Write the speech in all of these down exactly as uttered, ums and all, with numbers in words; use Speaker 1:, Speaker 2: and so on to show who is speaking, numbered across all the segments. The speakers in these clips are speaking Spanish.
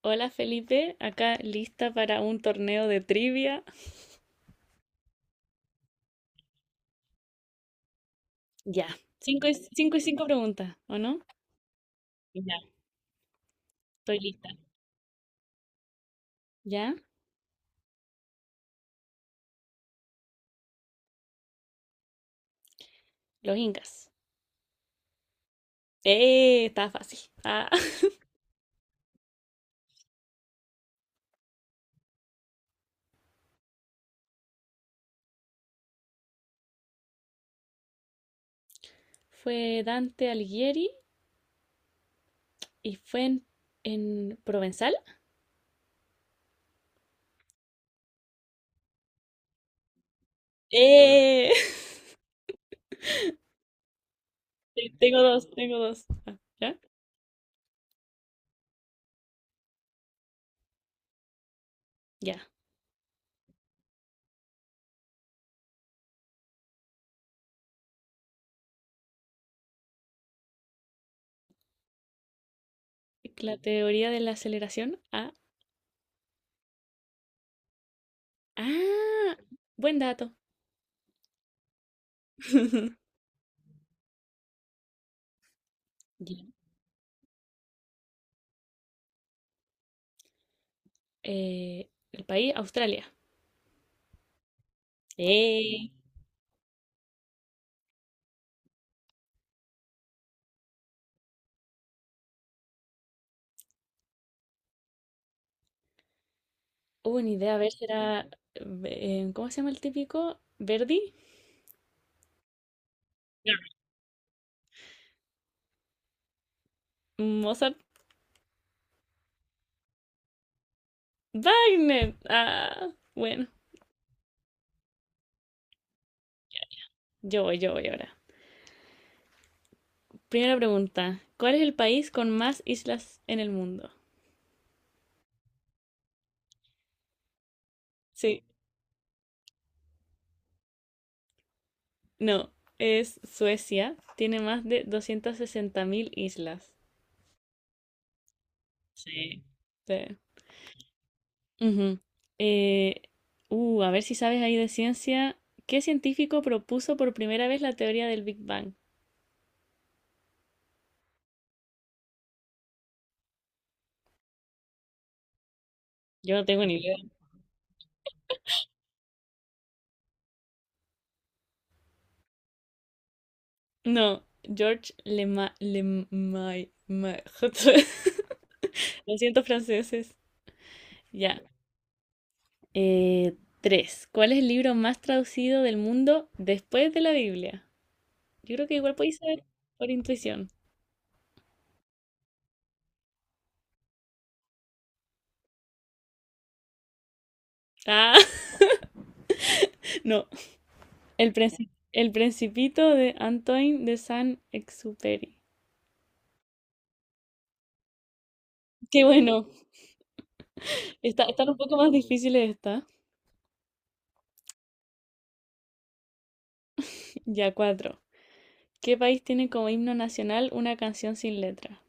Speaker 1: Hola Felipe, acá lista para un torneo de trivia. Ya, cinco y cinco, y cinco preguntas, ¿o no? Ya, estoy lista. Ya, los incas. ¡Eh! Estaba fácil. Ah. Fue Dante Alighieri y fue en, en Provenzal. ¡Eh! Te- Tengo dos, tengo dos. Ah, ¿ya? Ya. La teoría de la aceleración. Ah, ah, buen dato. Ya. Eh, el país, Australia. ¡Eh! Uh, ni idea, a ver, será. eh, eh, ¿Cómo se llama el típico? ¿Verdi? Ya. Mozart. Wagner. Ah, bueno, yo voy, yo voy ahora. Primera pregunta. ¿Cuál es el país con más islas en el mundo? Sí, no, es Suecia. Tiene más de doscientas sesenta mil islas. Sí. Sí. Ujú. Eh, uh, a ver si sabes ahí de ciencia. ¿Qué científico propuso por primera vez la teoría del Big Bang? Yo no tengo ni idea. No, George Lema, Lemay, Ma- Lo siento, franceses. Ya. Eh, tres. ¿Cuál es el libro más traducido del mundo después de la Biblia? Yo creo que igual podéis saber por intuición. Ah, no. El princi- el Principito de Antoine de Saint-Exupéry. Qué bueno. Está, están un poco más difíciles estas. Ya, cuatro. ¿Qué país tiene como himno nacional una canción sin letra?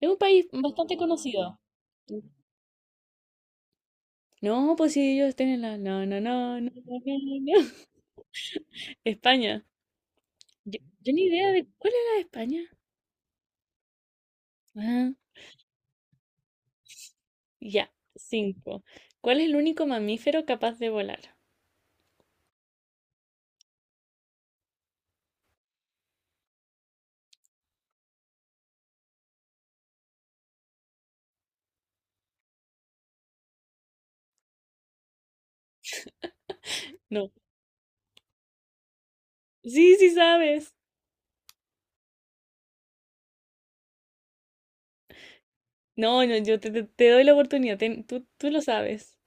Speaker 1: Es un país bastante conocido. No, pues sí, ellos tienen la... No, no, no, no, no, no, no. España. Yo, yo ni idea de... ¿Cuál es la de España? Ah, ya, cinco. ¿Cuál es el único mamífero capaz de volar? No. Sí, sí sabes. No, no, yo te, te- te doy la oportunidad. ten- tú, tú lo sabes.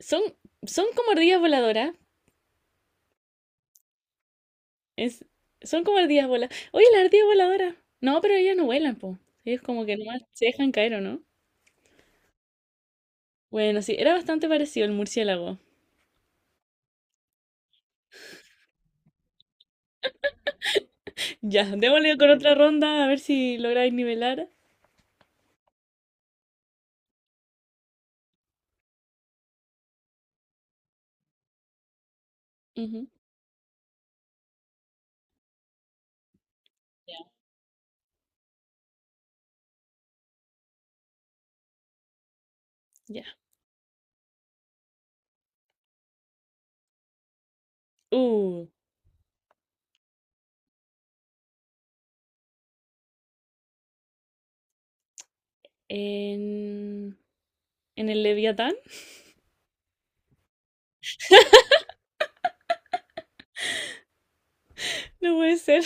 Speaker 1: Son, son como ardillas voladoras. Es, son como ardillas voladoras. Oye, la ardilla voladora. No, pero ellas no vuelan, po. Ellos como que nomás se dejan caer, ¿o no? Bueno, sí, era bastante parecido el murciélago. Ya, démosle con otra ronda a ver si lográis nivelar. Ujú, ya. Uh, en... ¿En el Leviatán? No puede ser.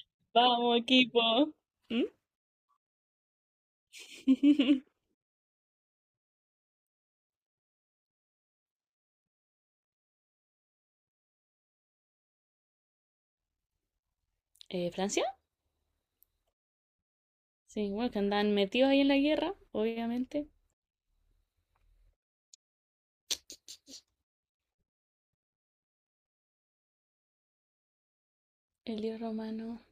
Speaker 1: Vamos, equipo. ¿Mm? Eh, ¿Francia? Sí, bueno, que andan metidos ahí en la guerra, obviamente. El dios romano.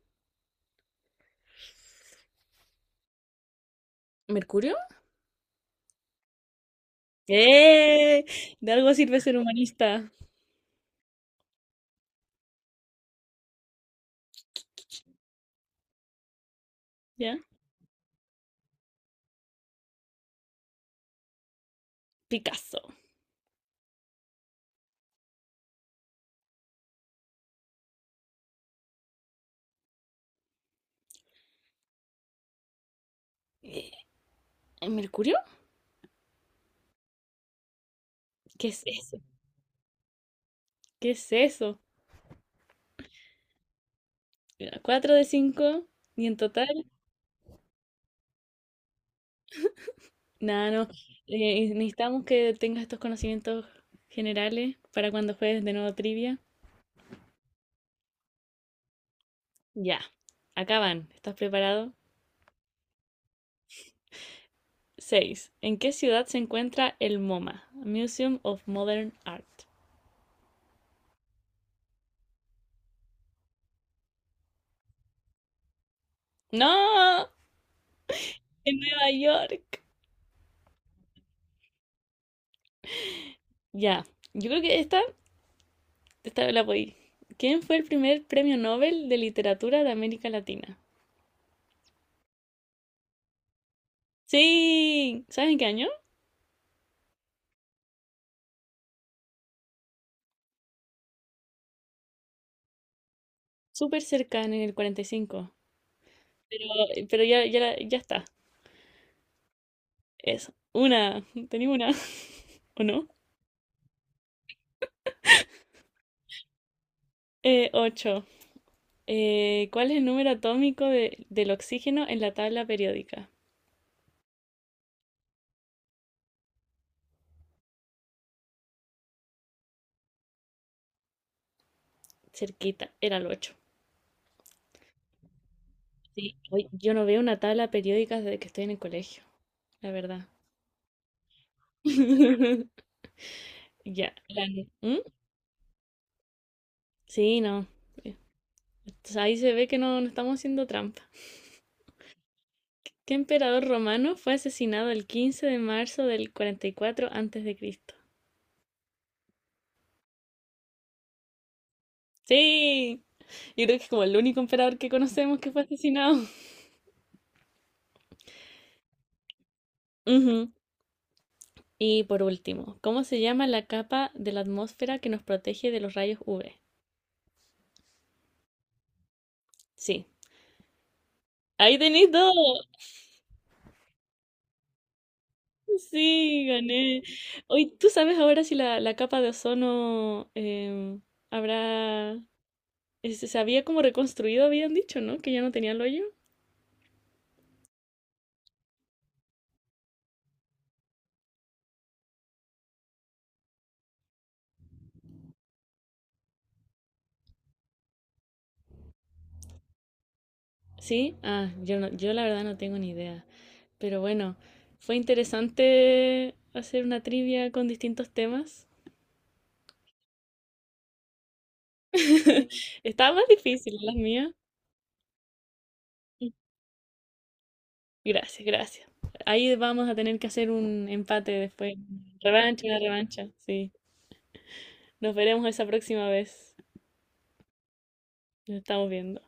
Speaker 1: ¿Mercurio? ¡Eh! De algo sirve ser humanista. ¿Ya? Picasso. Eh, ¿Mercurio? ¿Qué es eso? ¿Qué es eso? Cuatro de cinco. Y en total. Nada, no. Eh, necesitamos que tengas estos conocimientos generales para cuando juegues de nuevo trivia. Ya, acaban. ¿Estás preparado? Seis. ¿En qué ciudad se encuentra el MoMA? Museum of Modern Art. ¡No! En Nueva York. Ya, yo creo que esta, esta la voy. ¿Quién fue el primer premio Nobel de Literatura de América Latina? Sí, ¿saben qué año? Súper cerca, en el cuarenta y cinco. Pero, eh, pero ya, ya, la- ya está. Es una. Tenía una, ¿o no? Eh, ocho. ¿Cuál es el número atómico de- del oxígeno en la tabla periódica? Cerquita, era el ocho. Sí. Oye, yo no veo una tabla periódica desde que estoy en el colegio, la verdad. Ya. La nu- ¿Mm? Sí, no. Eh, ahí se ve que no, no estamos haciendo trampa. ¿Qué emperador romano fue asesinado el quince de marzo del cuarenta y cuatro antes de Cristo? Sí, yo creo que es como el único emperador que conocemos que fue asesinado. Ujú. Y por último, ¿cómo se llama la capa de la atmósfera que nos protege de los rayos U V? Sí. Ahí tenéis dos. Sí, gané. Hoy, ¿tú sabes ahora si la, la capa de ozono em, habrá... Se se había como reconstruido, habían dicho, ¿no? Que ya no tenía el hoyo. Sí, ah, yo no, yo la verdad no tengo ni idea. Pero bueno, fue interesante hacer una trivia con distintos temas. Estaba más difícil las mías. Gracias, gracias. Ahí vamos a tener que hacer un empate después. Revancha, una revancha, sí. Nos veremos esa próxima vez. Nos estamos viendo.